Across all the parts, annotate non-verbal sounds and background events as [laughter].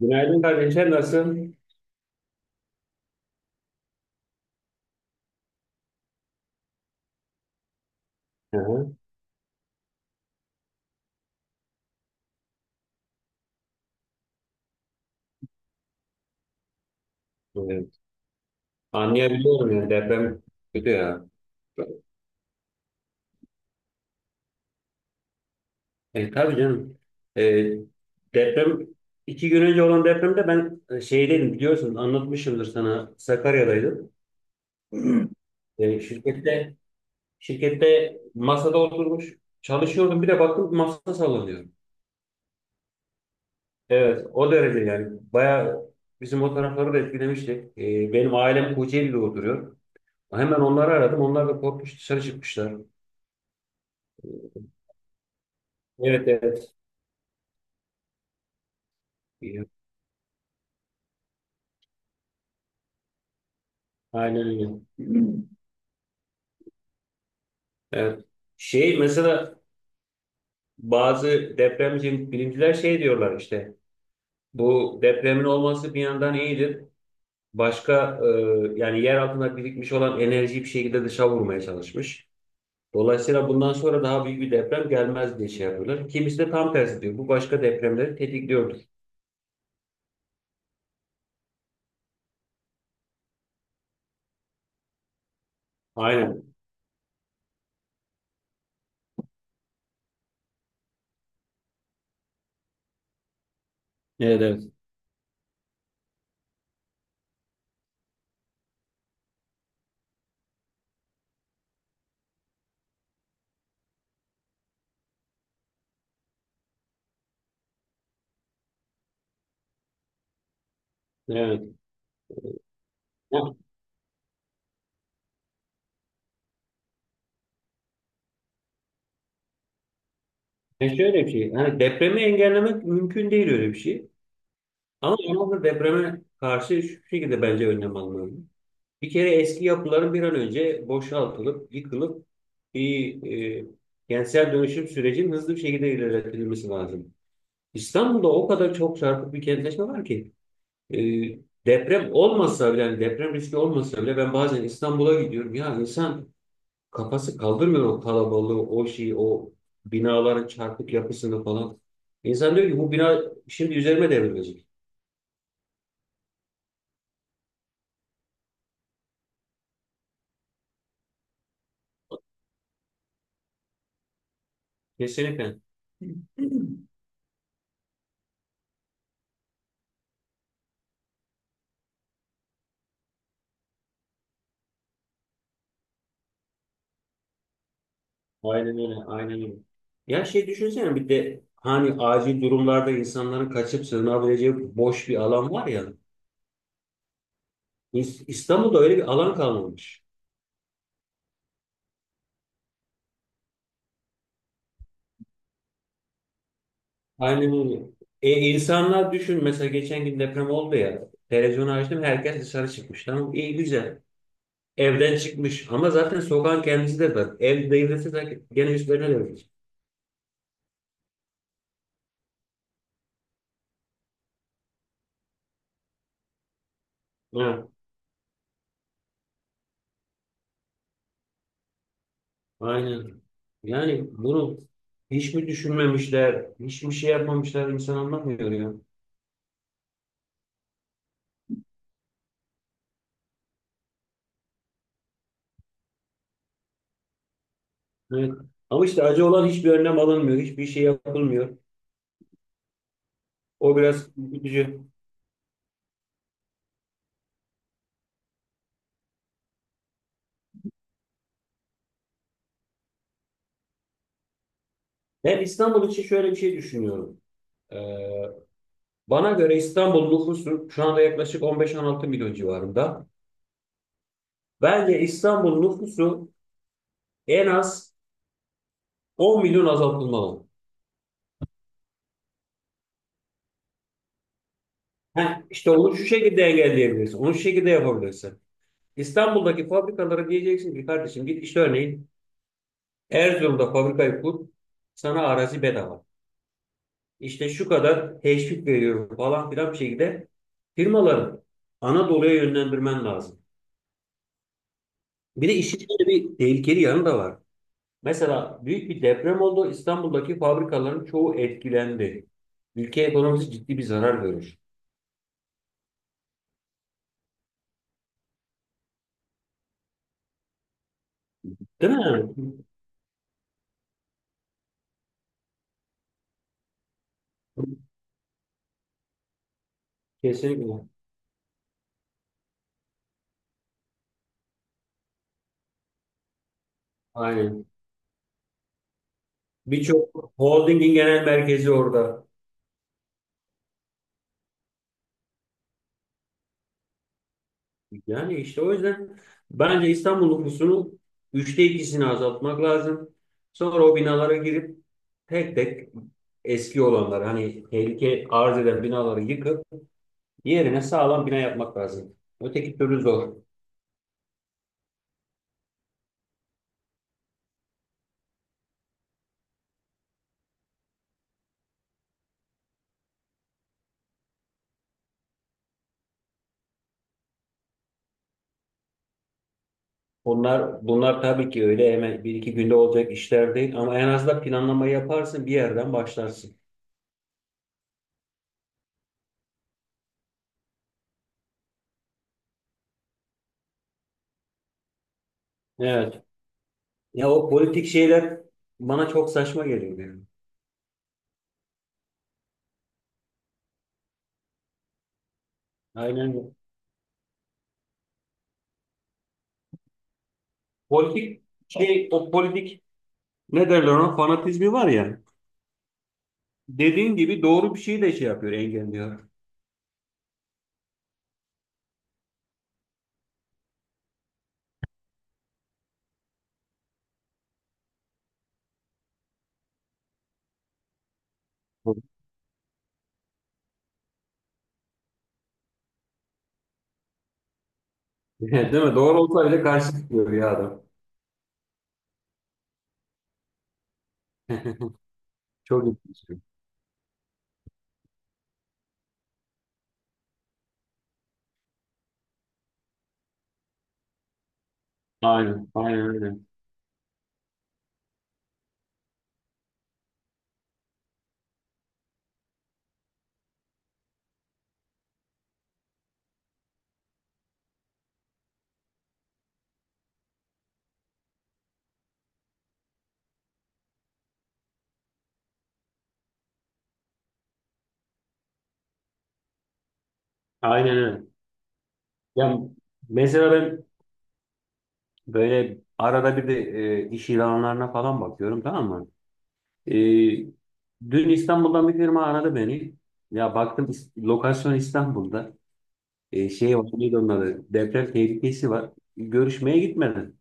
Günaydın kardeşler, nasılsın? Hı hı, evet. Anlayabiliyorum ya, deprem kötü ya. E, tabii canım. E, deprem iki gün önce olan depremde ben şeydeydim, biliyorsun, anlatmışımdır sana, Sakarya'daydım. E, şirkette masada oturmuş çalışıyordum, bir de baktım masa sallanıyor. Evet, o derece yani. Bayağı bizim o tarafları da etkilemişti. E, benim ailem Kocaeli'de oturuyor. Hemen onları aradım, onlar da korkmuş dışarı çıkmışlar. Evet, evet. Evet, aynen öyle. Evet. Şey mesela bazı depremci bilimciler şey diyorlar, işte bu depremin olması bir yandan iyidir. Başka yani yer altında birikmiş olan enerjiyi bir şekilde dışa vurmaya çalışmış. Dolayısıyla bundan sonra daha büyük bir deprem gelmez diye şey yapıyorlar. Kimisi de tam tersi diyor. Bu başka depremleri tetikliyordur. Aynen. Evet, evet. Evet. Ya, şöyle bir şey. Hani depremi engellemek mümkün değil, öyle bir şey. Ama Manavgat depreme karşı şu şekilde bence önlem almalı. Bir kere eski yapıların bir an önce boşaltılıp, yıkılıp bir e, kentsel dönüşüm sürecinin hızlı bir şekilde ilerletilmesi lazım. İstanbul'da o kadar çok çarpık bir kentleşme var ki e, deprem olmasa bile, yani deprem riski olmasa bile, ben bazen İstanbul'a gidiyorum. Ya insan kafası kaldırmıyor o kalabalığı, o şeyi, o binaların çarpık yapısını falan. İnsan diyor ki bu bina şimdi üzerime devrilecek. Kesinlikle. [clears throat] Aynen öyle. Aynen öyle. Ya şey, düşünsene bir de hani acil durumlarda insanların kaçıp sığınabileceği boş bir alan var ya. İstanbul'da öyle bir alan kalmamış. Aynen öyle. E, insanlar düşün, mesela geçen gün deprem oldu ya. Televizyonu açtım, herkes dışarı çıkmış. Tamam, iyi güzel. Evden çıkmış ama zaten sokağın kendisi de var. Ev devrilse de gene üstlerine devrilecek. Aynen. Yani bunu hiç mi düşünmemişler, hiç mi şey yapmamışlar, insan anlamıyor ya. Evet. Ama işte acı olan, hiçbir önlem alınmıyor, hiçbir şey yapılmıyor. O biraz üzücü. Ben İstanbul için şöyle bir şey düşünüyorum. Ee, Bana göre İstanbul nüfusu şu anda yaklaşık 15-16 milyon civarında. Bence İstanbul nüfusu en az 10 milyon azaltılmalı. Heh, işte onu şu şekilde engelleyebilirsin, onu şu şekilde yapabilirsin. İstanbul'daki fabrikalara diyeceksin ki kardeşim git işte örneğin Erzurum'da fabrikayı kur, sana arazi bedava. İşte şu kadar teşvik veriyorum falan filan, bir şekilde firmaları Anadolu'ya yönlendirmen lazım. Bir de işin içinde bir tehlikeli yanı da var. Mesela büyük bir deprem oldu. İstanbul'daki fabrikaların çoğu etkilendi. Ülke ekonomisi ciddi bir zarar görür. Değil mi? Kesinlikle. Aynen. Birçok holdingin genel merkezi orada. Yani işte o yüzden bence İstanbul nüfusunun üçte ikisini azaltmak lazım. Sonra o binalara girip tek tek eski olanları, hani tehlike arz eden binaları yıkıp yerine sağlam bina yapmak lazım. Öteki türlü zor. Bunlar tabii ki öyle hemen bir iki günde olacak işler değil, ama en azından planlama yaparsın, bir yerden başlarsın. Evet. Ya o politik şeyler bana çok saçma geliyor yani. Aynen. Politik şey o politik ne derler ona? Fanatizmi var ya. Dediğin gibi doğru bir şeyi de şey yapıyor, engelliyor. [laughs] Değil mi? Doğru olsa bile karşı çıkıyor ya adam. [laughs] Çok ilginç. Aynen, aynen öyle. Aynen öyle. Ya mesela ben böyle arada bir de iş ilanlarına falan bakıyorum, tamam mı? E, dün İstanbul'dan bir firma aradı beni. Ya baktım, lokasyon İstanbul'da. E, şey var, neydi onun adı? Deprem tehlikesi var. Görüşmeye gitmedim.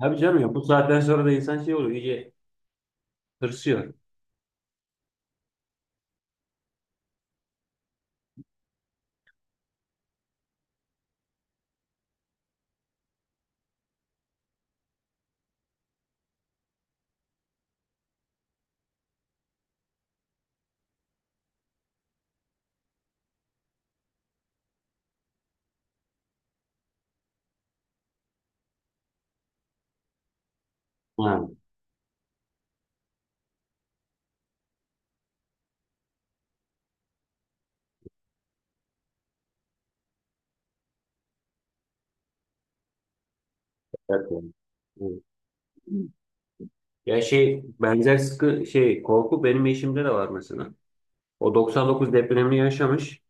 Tabii canım, ya bu saatten sonra da insan şey oluyor, iyice tırsıyor. Ha, evet. Evet. Evet. Ya şey, benzer sıkı şey korku benim eşimde de var mesela. O 99 depremini yaşamış.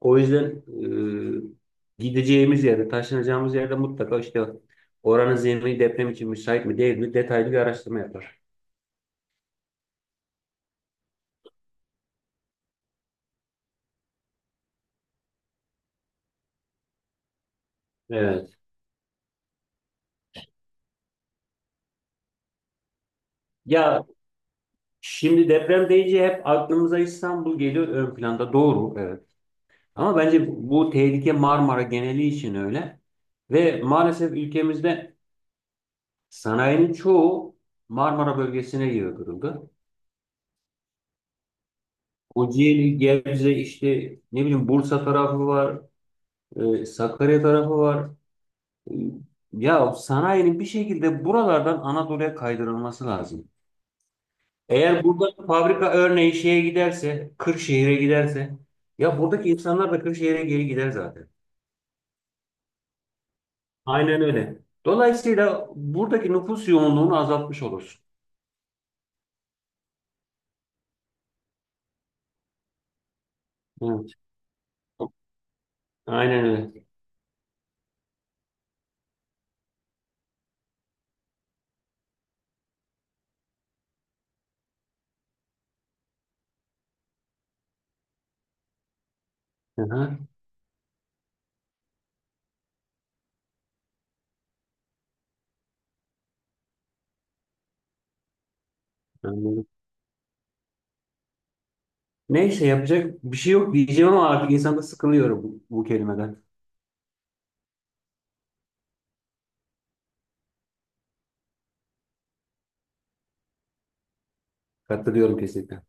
O yüzden gideceğimiz yerde, taşınacağımız yerde mutlaka işte oranın zemini deprem için müsait mi değil mi detaylı bir araştırma yapar. Evet. Ya şimdi deprem deyince hep aklımıza İstanbul geliyor ön planda. Doğru, evet. Ama bence bu tehlike Marmara geneli için öyle. Ve maalesef ülkemizde sanayinin çoğu Marmara bölgesine yığdırıldı. Kocaeli, Gebze, işte ne bileyim Bursa tarafı var, Sakarya tarafı var. E, Ya sanayinin bir şekilde buralardan Anadolu'ya kaydırılması lazım. Eğer burada fabrika örneği şeye giderse, Kırşehir'e giderse, ya buradaki insanlar da Kırşehir'e geri gider zaten. Aynen öyle. Dolayısıyla buradaki nüfus yoğunluğunu azaltmış olursun. Evet. Aynen öyle. Hı hı. Anladım. Neyse, yapacak bir şey yok diyeceğim ama artık insanda sıkılıyorum bu, bu kelimeden. Katılıyorum kesinlikle.